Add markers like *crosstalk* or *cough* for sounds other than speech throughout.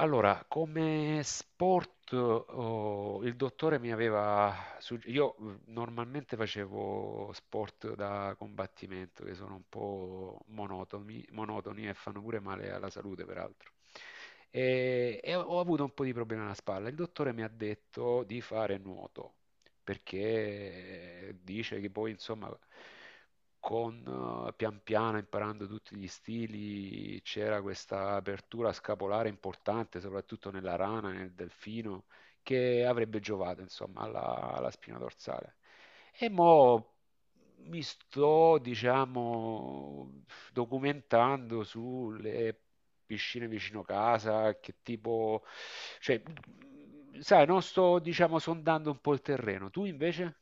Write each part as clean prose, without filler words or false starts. Allora, come sport, oh, il dottore mi aveva... sugge- io normalmente facevo sport da combattimento, che sono un po' monotoni, monotoni e fanno pure male alla salute, peraltro. E ho avuto un po' di problemi alla spalla. Il dottore mi ha detto di fare nuoto, perché dice che poi, insomma, con pian piano imparando tutti gli stili, c'era questa apertura scapolare importante, soprattutto nella rana, nel delfino, che avrebbe giovato, insomma, alla spina dorsale. E mo mi sto, diciamo, documentando sulle piscine vicino casa, che tipo, cioè, sai, non sto, diciamo, sondando un po' il terreno. Tu invece?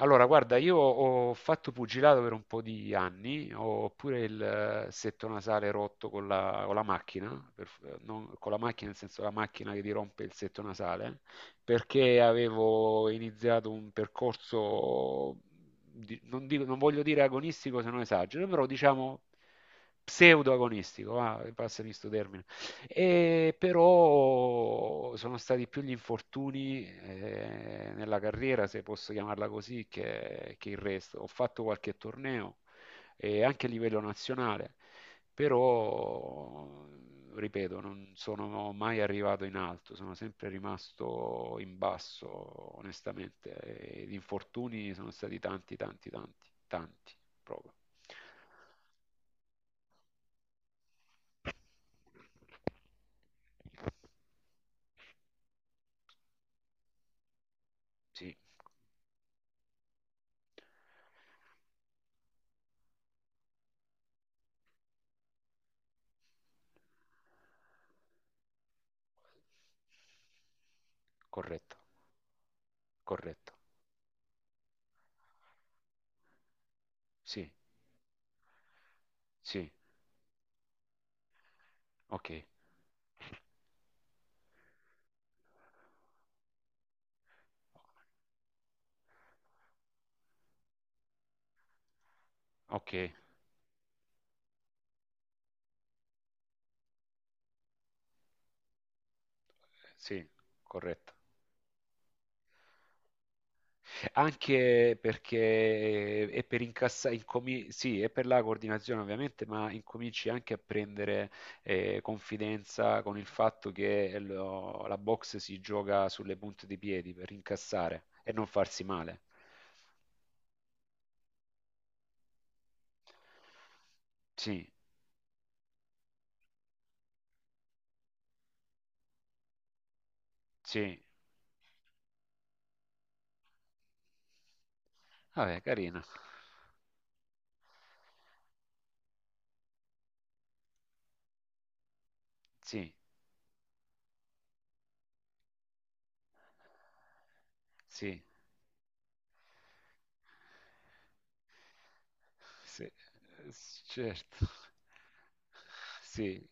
Allora, guarda, io ho fatto pugilato per un po' di anni, ho pure il setto nasale rotto con la macchina, con la macchina nel senso la macchina che ti rompe il setto nasale, perché avevo iniziato un percorso, non voglio dire agonistico se non esagero, però diciamo pseudo-agonistico, va, passami sto termine. E però sono stati più gli infortuni nella carriera, se posso chiamarla così, che il resto. Ho fatto qualche torneo e anche a livello nazionale, però, ripeto, non sono mai arrivato in alto, sono sempre rimasto in basso, onestamente. E gli infortuni sono stati tanti, tanti, tanti, tanti, proprio. Sì. Corretto, corretto. Sì, sì, ok, ok, sì, corretto. Anche perché è per incassare, sì, è per la coordinazione ovviamente, ma incominci anche a prendere confidenza con il fatto che la box si gioca sulle punte dei piedi per incassare e non farsi male. Sì, sì, vabbè, carina. Sì, sì. Sì, certo. Sì,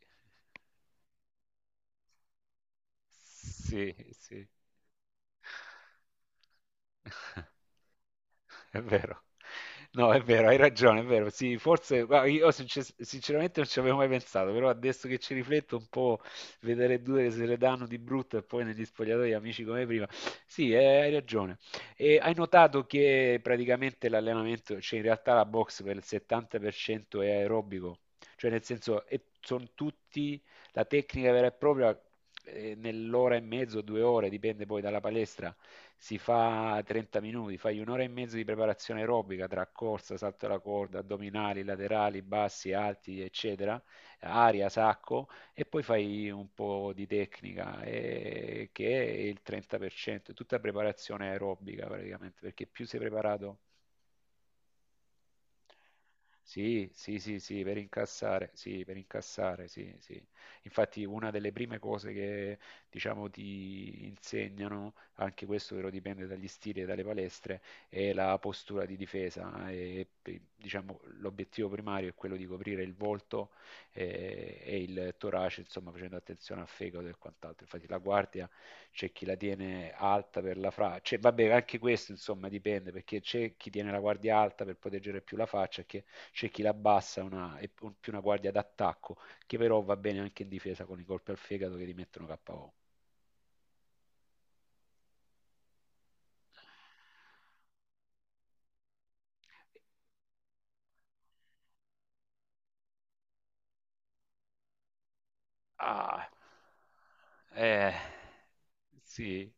sì, sì. *laughs* È vero. No, è vero, hai ragione, è vero. Sì, forse guarda, io sinceramente non ci avevo mai pensato, però adesso che ci rifletto un po', vedere due che se le danno di brutto e poi negli spogliatoi amici come prima. Sì, hai ragione. E hai notato che praticamente l'allenamento, cioè in realtà la box per il 70% è aerobico, cioè nel senso e sono tutti la tecnica vera e propria nell'ora e mezzo, 2 ore, dipende poi dalla palestra, si fa 30 minuti, fai un'ora e mezzo di preparazione aerobica tra corsa, salto alla corda, addominali, laterali, bassi, alti, eccetera, aria, sacco, e poi fai un po' di tecnica, che è il 30%, è tutta preparazione aerobica praticamente, perché più sei preparato sì, sì, sì, sì, per incassare, sì, per incassare, sì, sì. Infatti una delle prime cose che, diciamo, ti insegnano, anche questo però dipende dagli stili e dalle palestre, è la postura di difesa. E, diciamo, l'obiettivo primario è quello di coprire il volto e, il torace, insomma, facendo attenzione al fegato e quant'altro. Infatti la guardia c'è chi la tiene alta per la faccia, vabbè anche questo insomma dipende perché c'è chi tiene la guardia alta per proteggere più la faccia, che- c'è chi la abbassa è più una guardia d'attacco che però va bene anche in difesa con i colpi al fegato che ti mettono KO. Ah, eh, sì.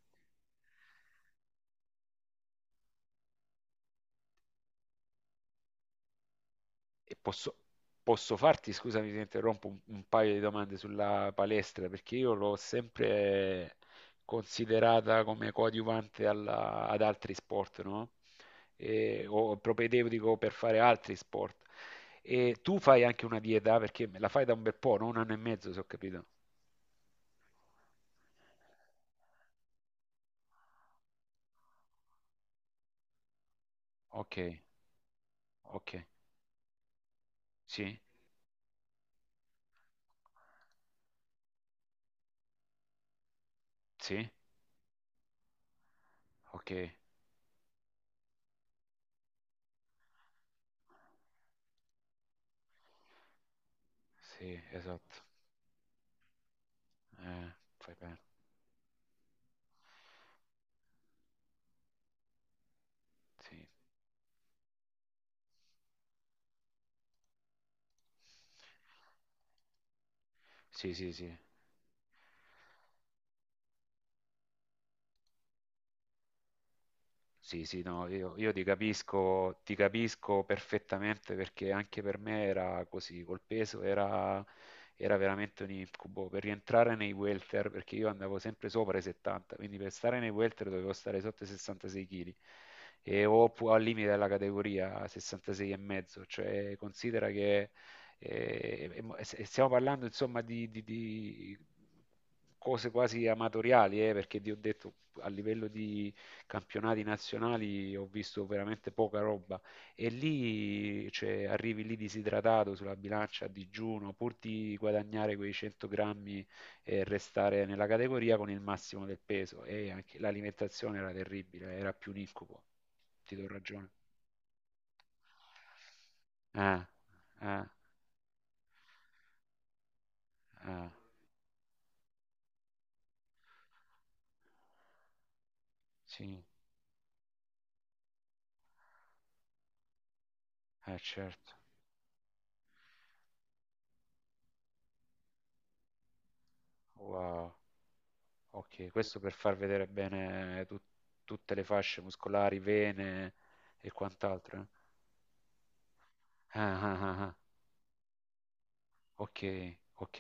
E posso farti, scusami se interrompo, un paio di domande sulla palestra, perché io l'ho sempre considerata come coadiuvante alla- ad altri sport, no? E- o propedeutico per fare altri sport. E tu fai anche una dieta, perché me la fai da un bel po', no? Un anno e mezzo, se ho capito. Ok, ok, sì, sì, ok, sì, esatto, fai bene, sì, sì, sì, sì, sì, sì, no, io ti capisco perfettamente perché anche per me era così, col peso era veramente un incubo. Per rientrare nei welter, perché io andavo sempre sopra i 70, quindi per stare nei welter dovevo stare sotto i 66 kg e o al limite della categoria 66,5, cioè considera che stiamo parlando insomma di cose quasi amatoriali, perché ti ho detto a livello di campionati nazionali ho visto veramente poca roba e lì cioè, arrivi lì disidratato sulla bilancia a digiuno pur di guadagnare quei 100 grammi e restare nella categoria con il massimo del peso e anche l'alimentazione era terribile, era più un incubo, ti do ragione. Ah, ah, ah, sì, certo. Wow, ok, questo per far vedere bene tutte le fasce muscolari, vene e quant'altro. Eh? Ah, ah, ah, ah. Ok, ok.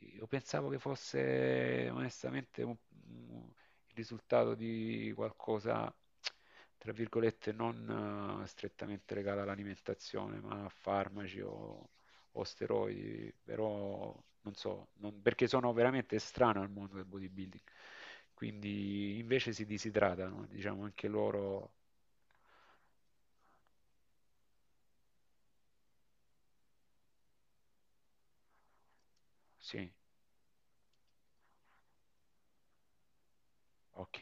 Io pensavo che fosse onestamente un- il risultato di qualcosa, tra virgolette, non strettamente legato all'alimentazione, ma a farmaci o steroidi, però non so, perché sono veramente estraneo al mondo del bodybuilding. Quindi invece si disidratano, diciamo anche loro, sì, ok.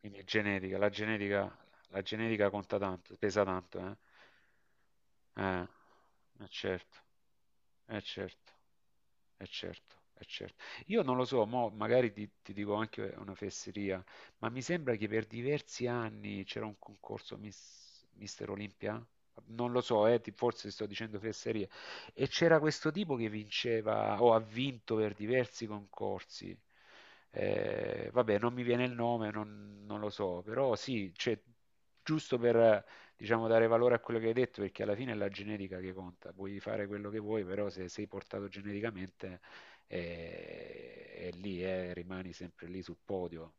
Quindi è genetica, la genetica, la genetica conta tanto, pesa tanto, eh? Eh, eh certo, eh certo è certo, è certo. Io non lo so, mo magari ti dico anche una fesseria, ma mi sembra che per diversi anni c'era un concorso Mister Olimpia? Non lo so, forse sto dicendo fesserie. E c'era questo tipo che vinceva o ha vinto per diversi concorsi. Vabbè, non mi viene il nome, non lo so, però sì, cioè, giusto per, diciamo, dare valore a quello che hai detto, perché alla fine è la genetica che conta. Puoi fare quello che vuoi, però se sei portato geneticamente è, lì, rimani sempre lì sul podio.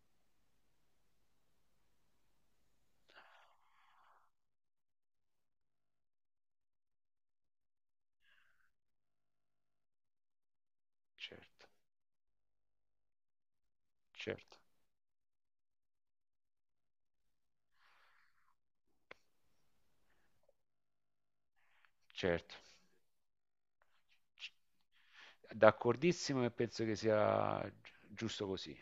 Certo, certo, certo. D'accordissimo e penso che sia giusto così.